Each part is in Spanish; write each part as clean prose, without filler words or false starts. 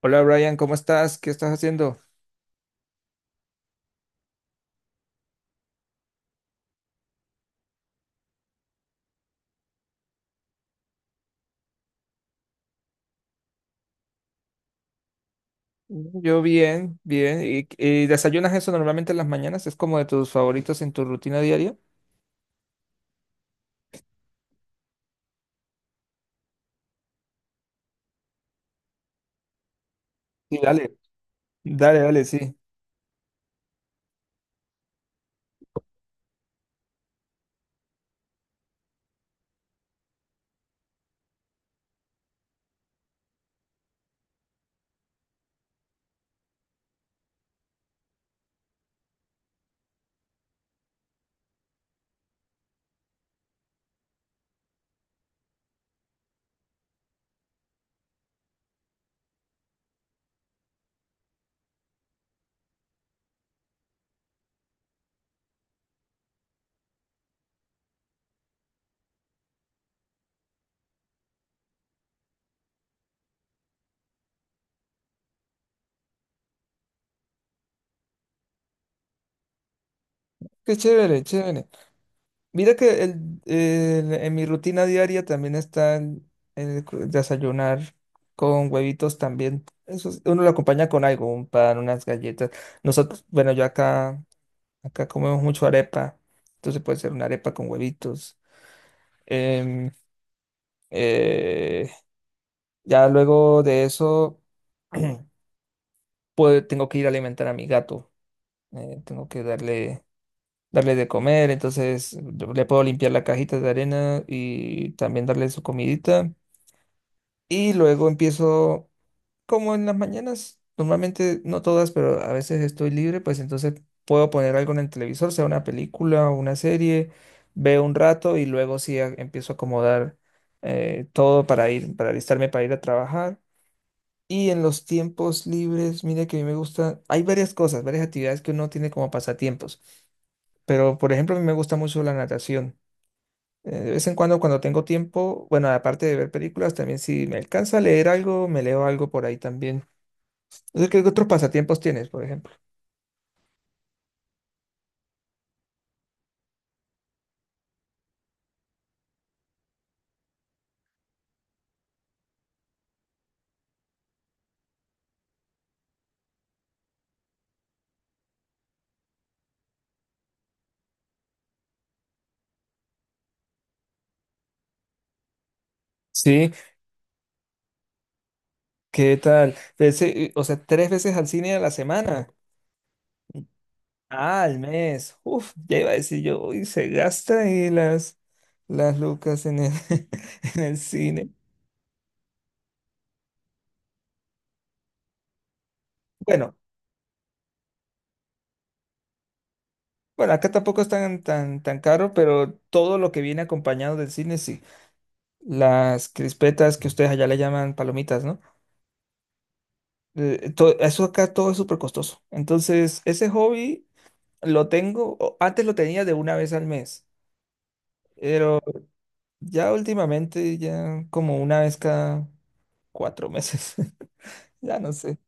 Hola Brian, ¿cómo estás? ¿Qué estás haciendo? Yo bien, bien. ¿Y desayunas eso normalmente en las mañanas? ¿Es como de tus favoritos en tu rutina diaria? Sí, dale. Dale, dale, sí. Qué chévere, chévere. Mira que en mi rutina diaria también está desayunar con huevitos también. Eso uno lo acompaña con algo, un pan, unas galletas. Nosotros, bueno, acá comemos mucho arepa, entonces puede ser una arepa con huevitos. Em, eh, Ya luego de eso, pues tengo que ir a alimentar a mi gato. eh, tengo que darle, darle de comer, entonces yo le puedo limpiar la cajita de arena y también darle su comidita. Y luego como en las mañanas, normalmente no todas, pero a veces estoy libre, pues entonces puedo poner algo en el televisor, sea una película o una serie, veo un rato y luego sí empiezo a acomodar todo para para alistarme para ir a trabajar. Y en los tiempos libres, mira que a mí me gusta, hay varias cosas, varias actividades que uno tiene como pasatiempos, pero por ejemplo a mí me gusta mucho la natación. De vez en cuando cuando tengo tiempo, bueno, aparte de ver películas, también si me alcanza a leer algo, me leo algo por ahí también. O sea, ¿qué otros pasatiempos tienes, por ejemplo? Sí, ¿qué tal? Ese, tres veces al cine a la semana. Ah, al mes. Uf, ya iba a decir yo, uy, se gasta ahí las lucas en en el cine. Bueno. Bueno, acá tampoco es tan caro, pero todo lo que viene acompañado del cine, sí. Las crispetas que ustedes allá le llaman palomitas, ¿no? Eso acá todo es súper costoso. Entonces, ese hobby lo antes lo tenía de una vez al mes, pero ya últimamente, ya como una vez cada cuatro meses, ya no sé.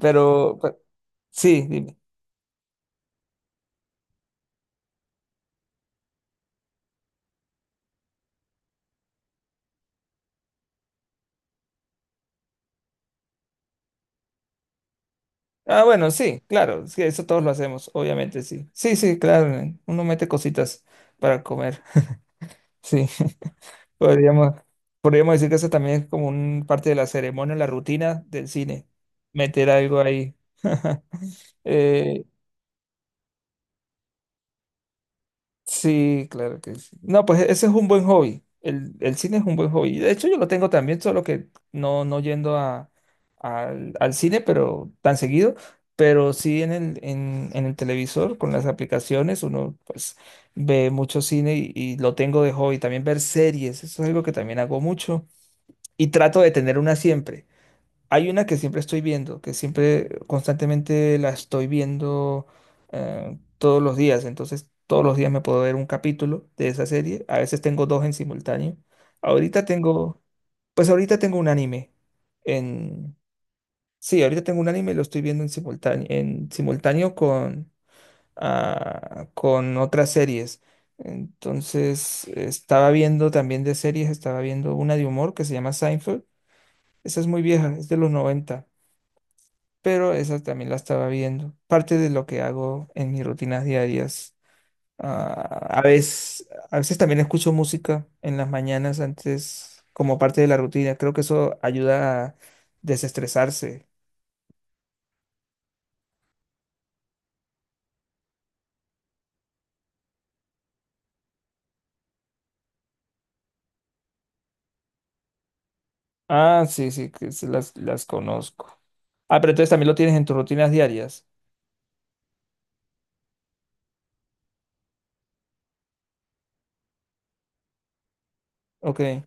Pero, pe- sí, dime. Ah, bueno, sí, claro, sí, eso todos lo hacemos, obviamente, sí. Sí, sí, claro, uno mete cositas para comer. Sí, podríamos, podríamos decir que eso también es como un parte de la ceremonia, la rutina del cine, meter algo ahí. Eh, sí, claro que sí. No, pues ese es un buen hobby. El cine es un buen hobby. De hecho, yo lo tengo también, solo que no yendo al cine, pero tan seguido, pero sí en en el televisor, con las aplicaciones, uno pues ve mucho cine y lo tengo de hobby. También ver series, eso es algo que también hago mucho. Y trato de tener una siempre. Hay una que siempre estoy viendo, que siempre constantemente la estoy viendo todos los días, entonces todos los días me puedo ver un capítulo de esa serie, a veces tengo dos en simultáneo. Ahorita tengo, pues ahorita tengo un anime en... Sí, ahorita tengo un anime, y lo estoy viendo en simultáneo con, ah, con otras series. Entonces, estaba viendo también de series, estaba viendo una de humor que se llama Seinfeld. Esa es muy vieja, es de los noventa, pero esa también la estaba viendo. Parte de lo que hago en mis rutinas diarias. Ah, a veces también escucho música en las mañanas antes como parte de la rutina. Creo que eso ayuda a desestresarse. Ah, sí, sí, que sí las conozco. Ah, pero entonces también lo tienes en tus rutinas diarias. Ok,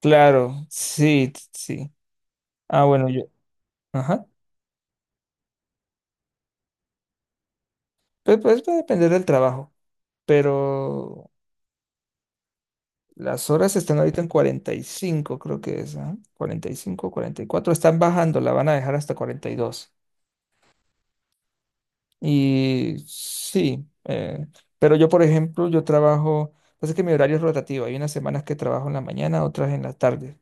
claro, sí, sí. Ah, bueno, yo. Ajá. Pues va a depender del trabajo, pero las horas están ahorita en 45, creo que es, ¿ah? 45, 44. Están bajando, la van a dejar hasta 42. Y dos. Y sí, pero yo, por ejemplo, pasa que mi horario es rotativo. Hay unas semanas que trabajo en la mañana, otras en la tarde.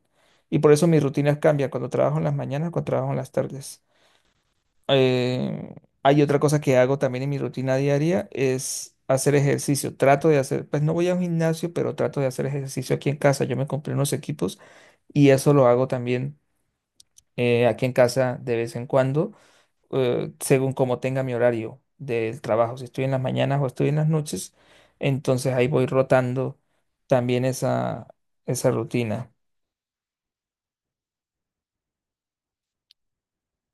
Y por eso mis rutinas cambian cuando trabajo en las mañanas, cuando trabajo en las tardes. Eh, hay otra cosa que hago también en mi rutina diaria, es hacer ejercicio. Trato de hacer, pues no voy a un gimnasio, pero trato de hacer ejercicio aquí en casa. Yo me compré unos equipos y eso lo hago también aquí en casa de vez en cuando, según como tenga mi horario del trabajo. Si estoy en las mañanas o estoy en las noches, entonces ahí voy rotando también esa rutina.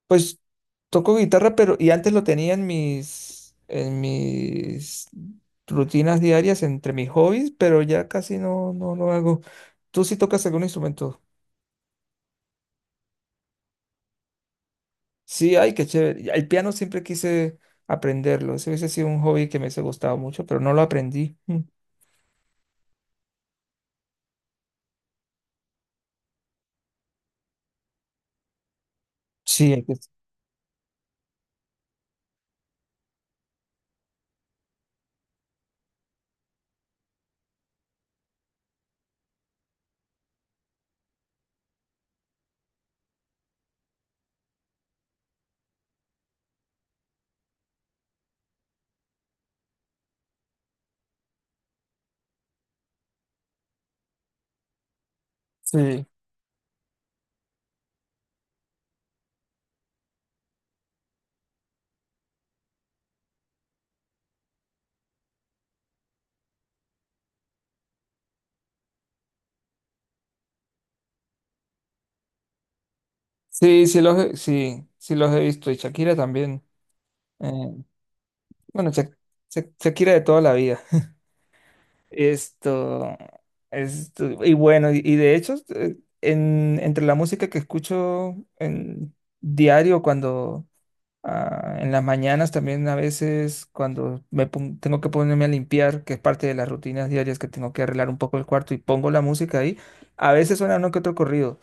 Pues toco guitarra, pero y antes lo tenía en mis rutinas diarias entre mis hobbies, pero ya casi no lo hago. ¿Tú sí tocas algún instrumento? Sí, ay, qué chévere. Y el piano siempre quise aprenderlo. Ese hubiese sido un hobby que me hubiese gustado mucho, pero no lo aprendí. Mm. Sí, hay que- sí, sí los he visto y Shakira también. Eh, bueno, Shakira de toda la vida. Esto, y bueno, y de hecho, entre la música que escucho en diario, en las mañanas también a veces, cuando tengo que ponerme a limpiar, que es parte de las rutinas diarias que tengo que arreglar un poco el cuarto y pongo la música ahí, a veces suena uno que otro corrido,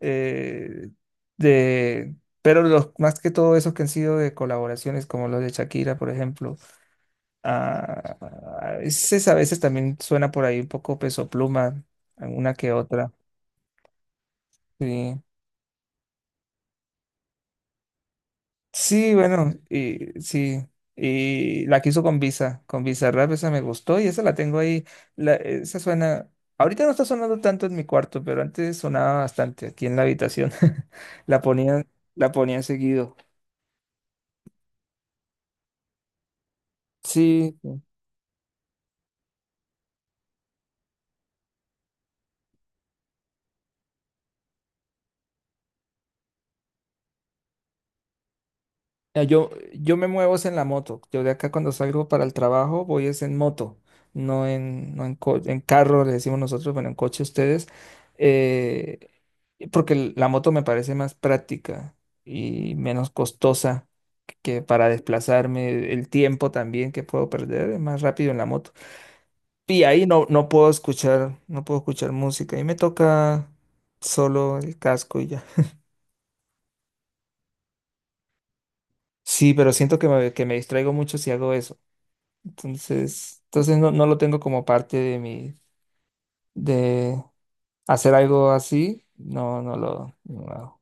eh, de, pero más que todo esos que han sido de colaboraciones, como los de Shakira, por ejemplo. Ah, a veces también suena por ahí un poco Peso Pluma, alguna que otra. Sí, sí, bueno, y sí. Y la quiso con Visa, con Bizarrap, esa me gustó y esa la tengo ahí. Esa suena. Ahorita no está sonando tanto en mi cuarto, pero antes sonaba bastante aquí en la habitación. La ponían, la ponían seguido. Sí, ya, yo me muevo es en la moto. Yo de acá cuando salgo para el trabajo voy es en moto, no en, no en, co- en carro, le decimos nosotros, bueno, en coche ustedes, eh, porque la moto me parece más práctica y menos costosa, que para desplazarme, el tiempo también que puedo perder es más rápido en la moto. Y ahí no puedo escuchar música y me toca solo el casco y ya. Sí, pero siento que que me distraigo mucho si hago eso. Entonces no, no lo tengo como parte de de hacer algo así, no lo hago.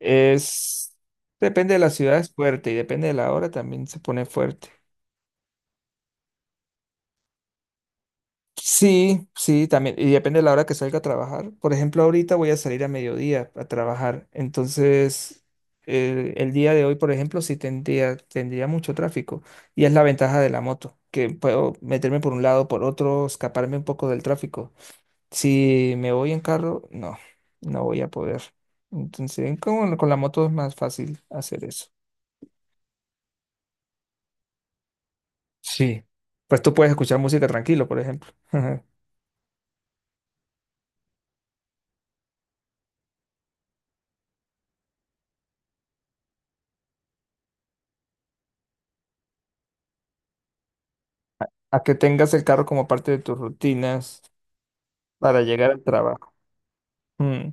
Es, depende de la ciudad, es fuerte, y depende de la hora también se pone fuerte. Sí, sí, también, y depende de la hora que salga a trabajar. Por ejemplo, ahorita voy a salir a mediodía a trabajar, entonces el día de hoy, por ejemplo, sí tendría mucho tráfico, y es la ventaja de la moto, que puedo meterme por un lado, por otro, escaparme un poco del tráfico. Si me voy en carro, no, no voy a poder. Entonces, con la moto es más fácil hacer eso. Sí. Pues tú puedes escuchar música tranquilo, por ejemplo. A que tengas el carro como parte de tus rutinas para llegar al trabajo. Mm.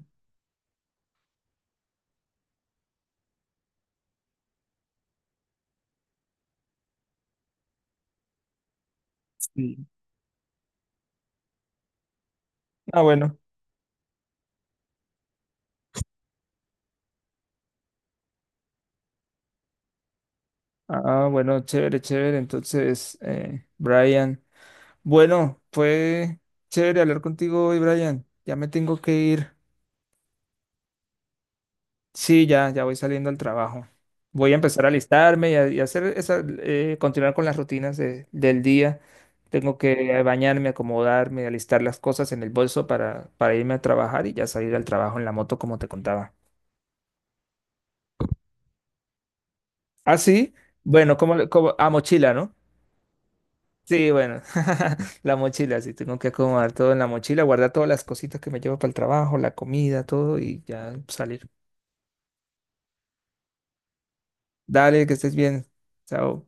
Sí. Ah, bueno. Ah, bueno, chévere, chévere. Entonces, Brian. Bueno, fue chévere hablar contigo hoy, Brian. Ya me tengo que ir. Sí, ya voy saliendo al trabajo. Voy a empezar a alistarme y a hacer esa, continuar con las rutinas del día. Tengo que bañarme, acomodarme, alistar las cosas en el bolso para irme a trabajar y ya salir al trabajo en la moto, como te contaba. Ah, sí, bueno, como a mochila, ¿no? Sí, bueno, la mochila, sí, tengo que acomodar todo en la mochila, guardar todas las cositas que me llevo para el trabajo, la comida, todo y ya salir. Dale, que estés bien. Chao.